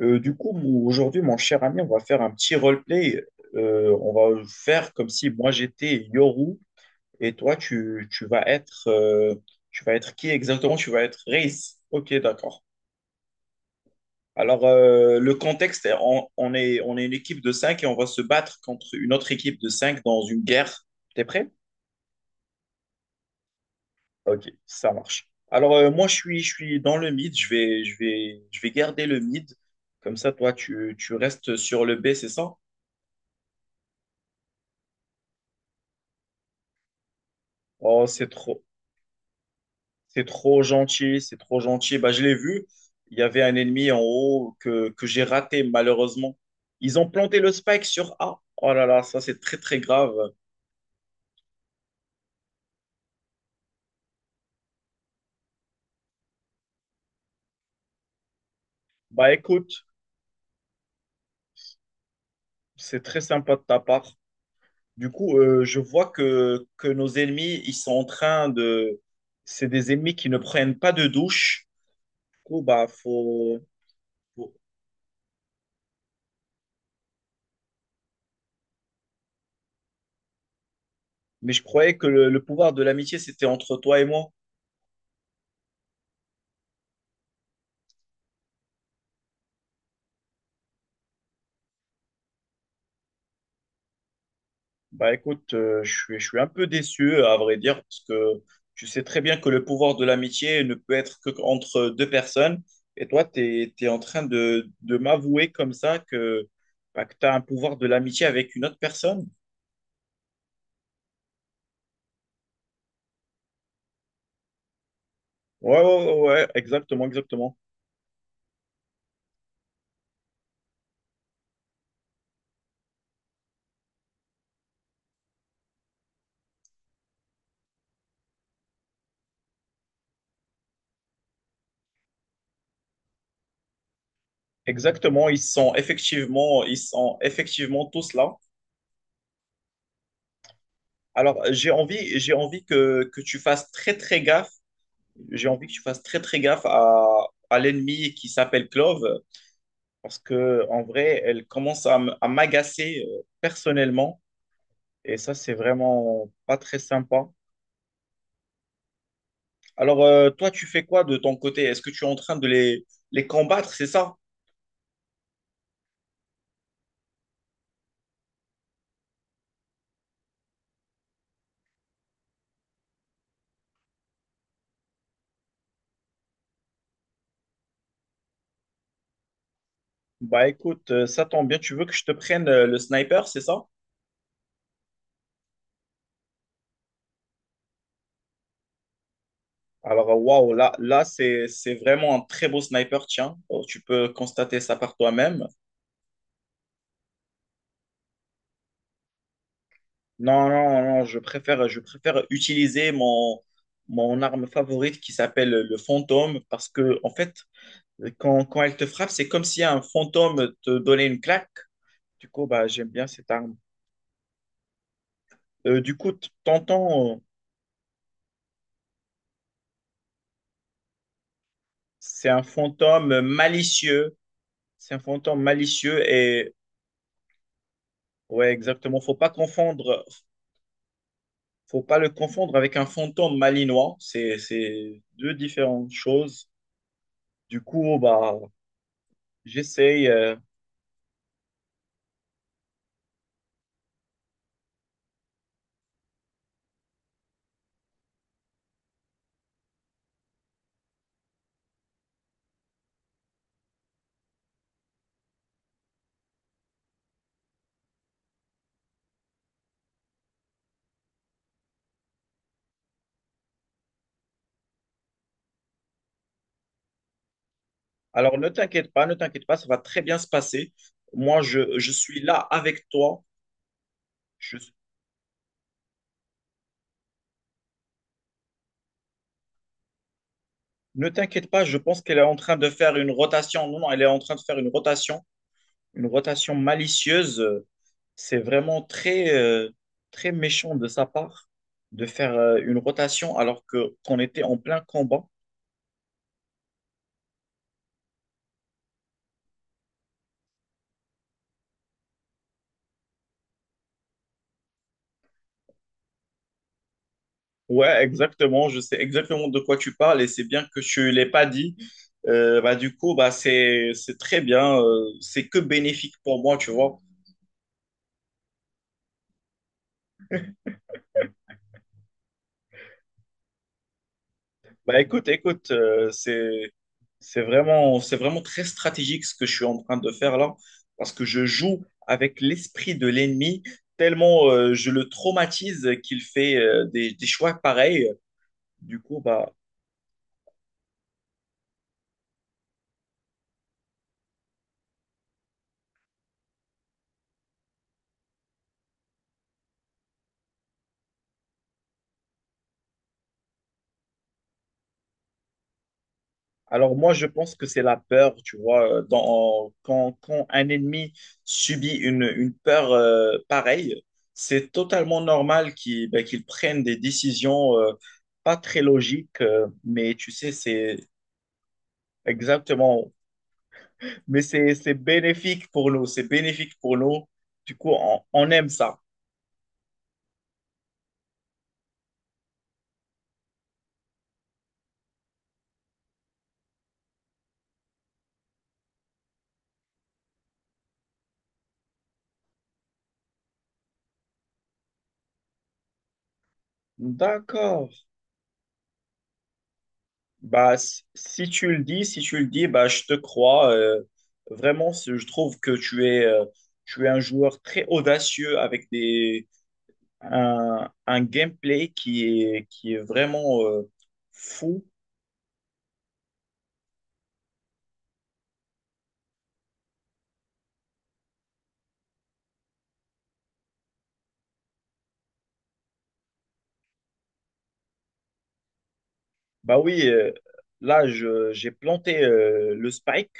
Aujourd'hui, mon cher ami, on va faire un petit roleplay. On va faire comme si moi j'étais Yoru et toi, tu vas être tu vas être qui exactement? Tu vas être Reis. Ok, d'accord. Alors le contexte, on est une équipe de 5 et on va se battre contre une autre équipe de 5 dans une guerre. T'es prêt? Ok, ça marche. Alors moi je suis dans le mid. Je vais garder le mid. Comme ça, toi tu restes sur le B, c'est ça? Oh, c'est trop. C'est trop gentil, c'est trop gentil. Bah, je l'ai vu, il y avait un ennemi en haut que j'ai raté malheureusement. Ils ont planté le spike sur A. Oh là là, ça c'est très très grave. Bah écoute, c'est très sympa de ta part. Du coup, je vois que nos ennemis, ils sont en train de... C'est des ennemis qui ne prennent pas de douche. Du coup, bah faut... faut- Mais je croyais que le pouvoir de l'amitié, c'était entre toi et moi. Bah écoute, je suis un peu déçu, à vrai dire, parce que tu sais très bien que le pouvoir de l'amitié ne peut être que entre deux personnes. Et toi, tu es, en train de m'avouer comme ça que, bah, que tu as un pouvoir de l'amitié avec une autre personne. Ouais, ouais, ouais, ouais, exactement, exactement. Exactement, ils sont effectivement tous là. Alors, j'ai envie que tu fasses très, très gaffe. J'ai envie que tu fasses très, très gaffe à l'ennemi qui s'appelle Clove, parce que en vrai, elle commence à m'agacer personnellement et ça, c'est vraiment pas très sympa. Alors, toi, tu fais quoi de ton côté? Est-ce que tu es en train de les combattre, c'est ça? Bah écoute, ça tombe bien, tu veux que je te prenne le sniper, c'est ça? Alors, waouh, là c'est vraiment un très beau sniper, tiens. Oh, tu peux constater ça par toi-même. Non, non, non, je préfère utiliser mon arme favorite qui s'appelle le fantôme parce que, en fait, Quand quand elle te frappe, c'est comme si un fantôme te donnait une claque. Du coup, bah, j'aime bien cette arme. T'entends, c'est un fantôme malicieux. C'est un fantôme malicieux et ouais, exactement. Faut pas le confondre avec un fantôme malinois. C'est deux différentes choses. Du coup, bah, j'essaye. Alors, ne t'inquiète pas, ne t'inquiète pas, ça va très bien se passer. Moi, je suis là avec toi. Je Ne t'inquiète pas, je pense qu'elle est en train de faire une rotation. Non, non, elle est en train de faire une rotation malicieuse. C'est vraiment très, très méchant de sa part de faire une rotation alors que qu'on était en plein combat. Ouais, exactement. Je sais exactement de quoi tu parles et c'est bien que tu l'aies pas dit. Bah, du coup, bah, c'est très bien. C'est que bénéfique pour moi, tu vois. Bah, écoute, c'est vraiment, c'est vraiment très stratégique ce que je suis en train de faire là, parce que je joue avec l'esprit de l'ennemi, tellement je le traumatise qu'il fait des choix pareils. Du coup, bah, alors moi, je pense que c'est la peur, tu vois, quand un ennemi subit une peur pareille, c'est totalement normal qu'il ben, qu'il prenne des décisions pas très logiques, mais tu sais, c'est exactement, mais c'est bénéfique pour nous, c'est bénéfique pour nous, du coup, on aime ça. D'accord. Bah, si tu le dis, si tu le dis, bah, je te crois. Je trouve que tu es un joueur très audacieux avec un gameplay qui est vraiment fou. Bah oui, là, j'ai planté le spike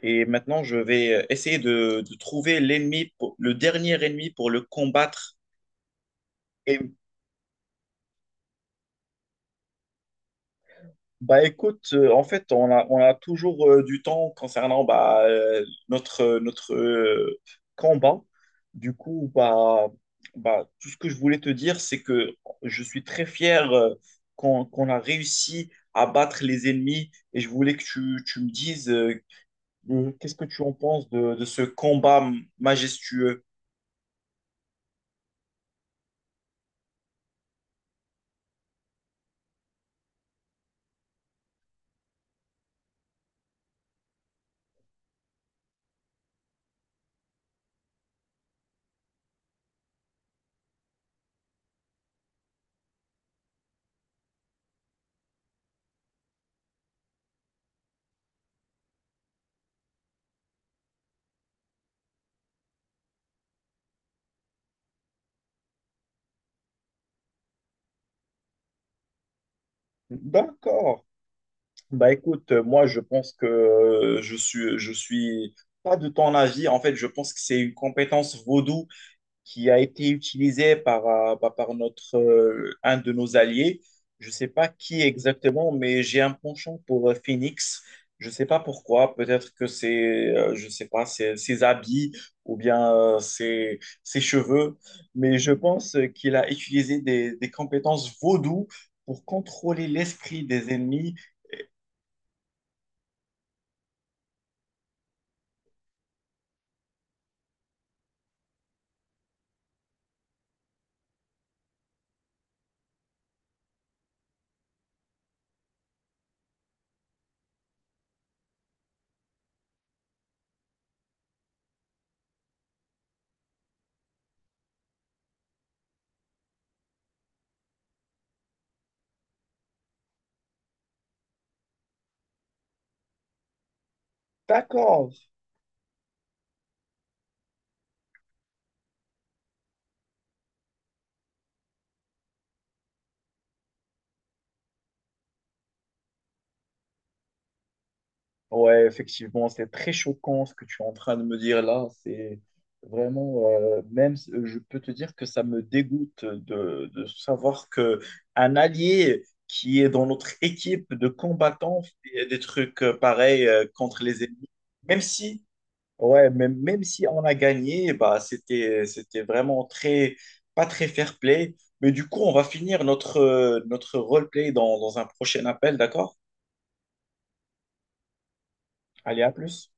et maintenant, je vais essayer de trouver l'ennemi, le dernier ennemi pour le combattre. Bah écoute, en fait, on a toujours du temps concernant bah, notre combat. Du coup, bah, bah, tout ce que je voulais te dire, c'est que je suis très fier qu'on a réussi à battre les ennemis et je voulais que tu me dises qu'est-ce que tu en penses de ce combat majestueux. D'accord. Bah écoute, moi je pense que je suis pas de ton avis. En fait, je pense que c'est une compétence vaudou qui a été utilisée par, bah, par notre, un de nos alliés. Je sais pas qui exactement, mais j'ai un penchant pour Phoenix. Je sais pas pourquoi. Peut-être que c'est, je sais pas, ses habits ou bien ses cheveux. Mais je pense qu'il a utilisé des compétences vaudou pour contrôler l'esprit des ennemis. D'accord. Ouais, effectivement, c'est très choquant ce que tu es en train de me dire là. C'est vraiment, même, je peux te dire que ça me dégoûte de savoir que un allié qui est dans notre équipe de combattants fait des trucs pareils contre les ennemis. Même si, ouais, même, même si on a gagné, bah, c'était vraiment très, pas très fair-play. Mais du coup, on va finir notre, notre roleplay dans, dans un prochain appel, d'accord? Allez, à plus.